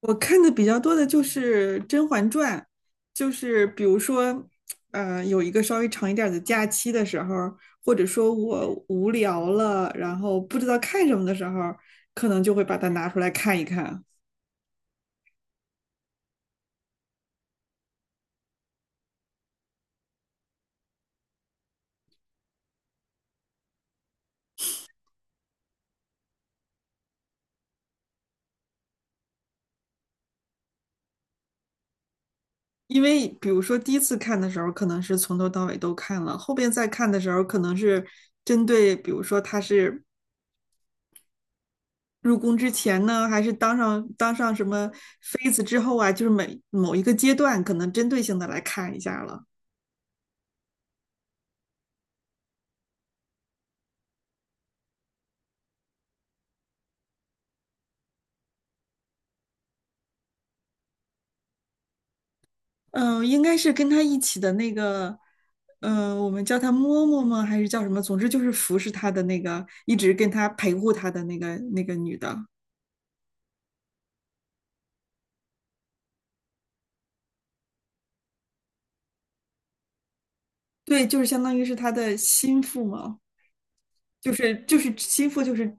我看的比较多的就是《甄嬛传》，就是比如说，有一个稍微长一点儿的假期的时候，或者说我无聊了，然后不知道看什么的时候，可能就会把它拿出来看一看。因为比如说第一次看的时候，可能是从头到尾都看了，后边再看的时候，可能是针对，比如说他是入宫之前呢，还是当上什么妃子之后啊，就是每某一个阶段，可能针对性的来看一下了。应该是跟他一起的那个，我们叫他嬷嬷吗？还是叫什么？总之就是服侍他的那个，一直跟他陪护他的那个女的。对，就是相当于是他的心腹嘛，就是心腹，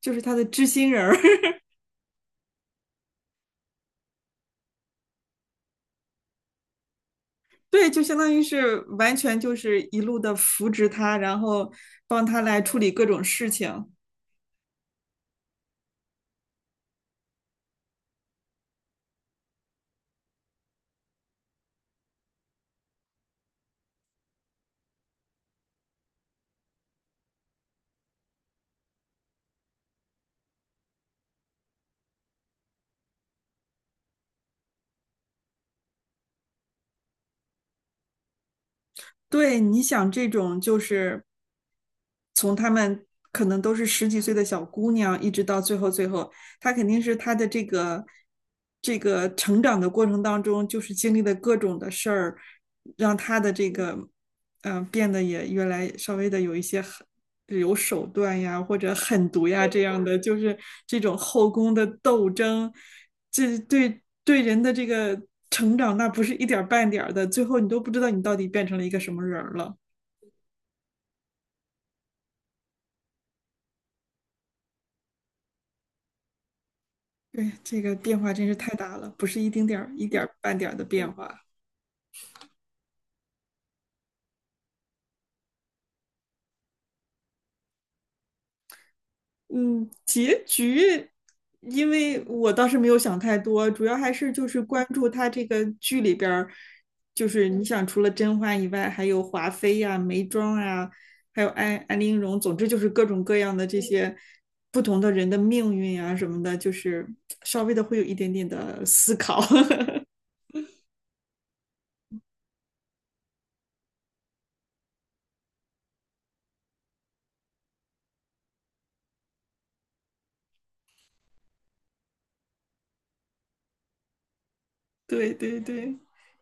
就是他的知心人儿。对，就相当于是完全就是一路的扶植他，然后帮他来处理各种事情。对，你想这种就是。从他们可能都是十几岁的小姑娘，一直到最后，她肯定是她的这个成长的过程当中，就是经历的各种的事儿，让她的这个变得也越来稍微的有一些狠有手段呀，或者狠毒呀这样的，就是这种后宫的斗争，这对人的这个成长，那不是一点半点儿的，最后你都不知道你到底变成了一个什么人了。对，这个变化真是太大了，不是一丁点儿、一点儿半点儿的变化。嗯，结局，因为我倒是没有想太多，主要还是就是关注他这个剧里边儿，就是你想除了甄嬛以外，还有华妃呀、眉庄啊，还有安陵容，总之就是各种各样的这些不同的人的命运啊什么的，就是稍微的会有一点点的思考。对对对。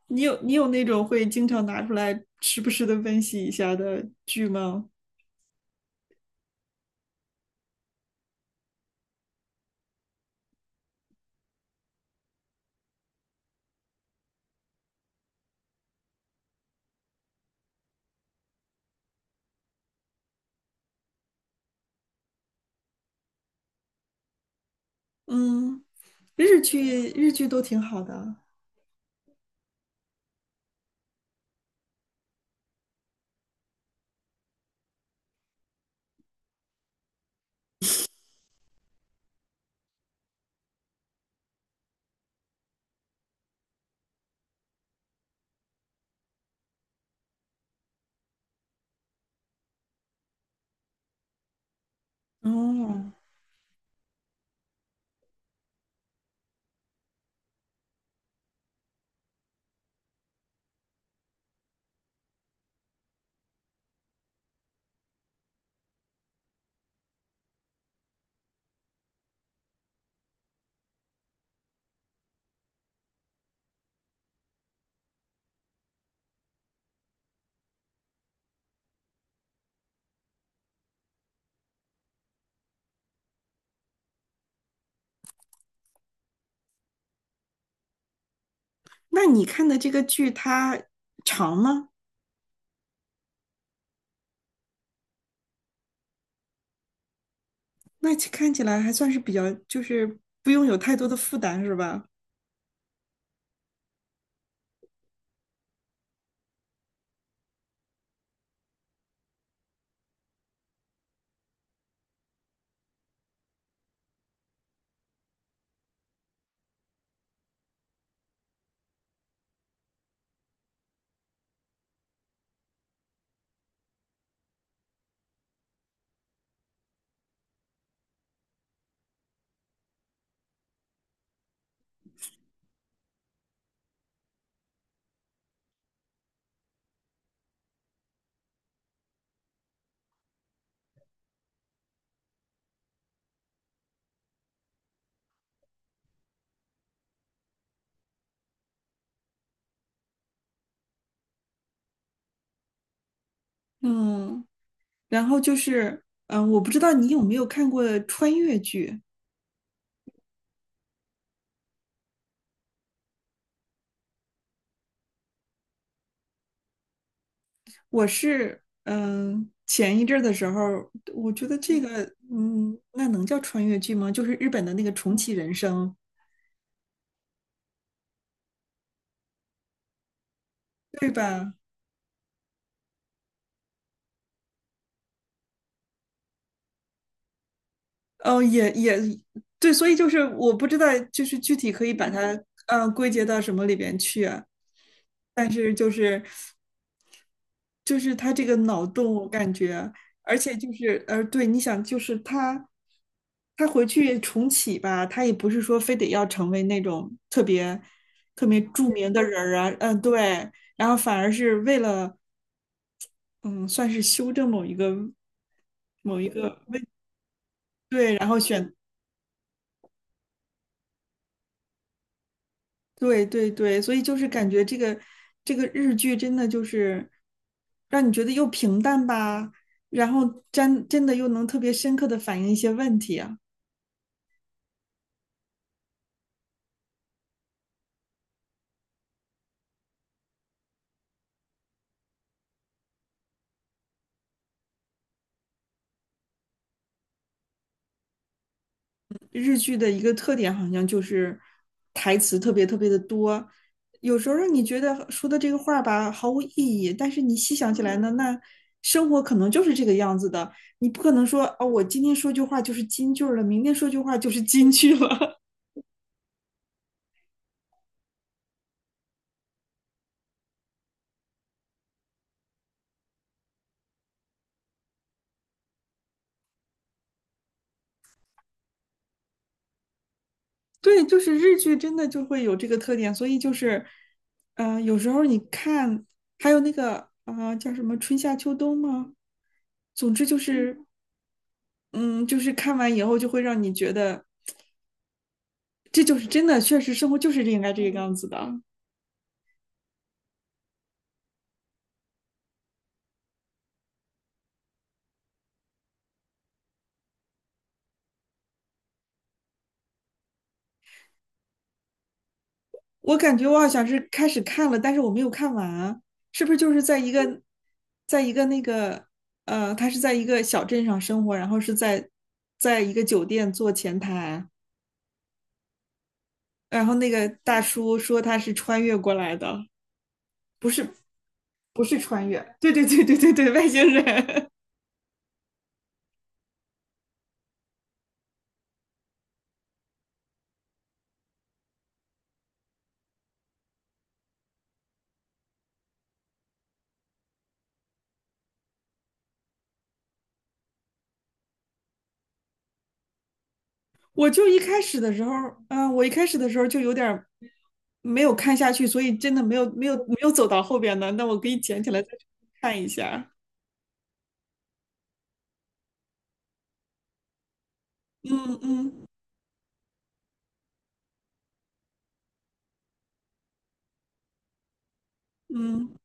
你有那种会经常拿出来时不时的温习一下的剧吗？嗯，日剧日剧都挺好的。哦，那你看的这个剧它长吗？那其看起来还算是比较，就是不用有太多的负担，是吧？嗯，然后就是，我不知道你有没有看过穿越剧。我是，前一阵儿的时候，我觉得这个，嗯，那能叫穿越剧吗？就是日本的那个重启人生。对吧？嗯，也对，所以就是我不知道，就是具体可以把它归结到什么里边去啊。但是就是就是他这个脑洞，我感觉，而且就是对，你想，就是他回去重启吧，他也不是说非得要成为那种特别著名的人儿啊，嗯、对，然后反而是为了嗯，算是修正某一个问，对，然后选对对对，所以就是感觉这个日剧真的就是让你觉得又平淡吧，然后真的又能特别深刻的反映一些问题啊。日剧的一个特点好像就是台词特别的多，有时候让你觉得说的这个话吧毫无意义，但是你细想起来呢，那生活可能就是这个样子的，你不可能说哦，我今天说句话就是金句儿了，明天说句话就是金句了。对，就是日剧真的就会有这个特点，所以就是，呃，有时候你看，还有那个啊，叫什么春夏秋冬吗？总之就是，嗯，就是看完以后就会让你觉得，这就是真的，确实生活就是应该这个样子的。我感觉我好像是开始看了，但是我没有看完，是不是就是在一个，在一个那个，呃，他是在一个小镇上生活，然后是在，在一个酒店做前台。然后那个大叔说他是穿越过来的，不是不是穿越，对对对对对对，外星人。我就一开始的时候，我一开始的时候就有点没有看下去，所以真的没有走到后边的。那我可以捡起来再看一下。嗯嗯嗯，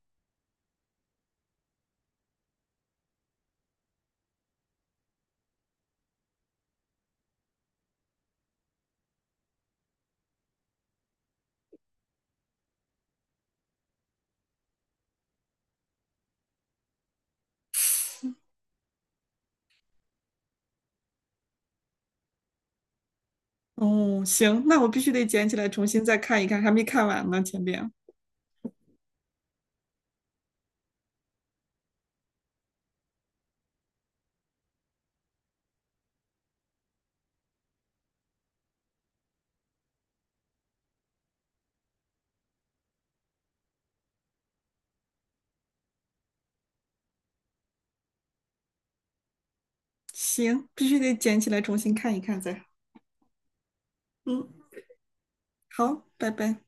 哦，行，那我必须得捡起来重新再看一看，还没看完呢，前边。行，必须得捡起来重新看一看再。嗯，好，拜拜。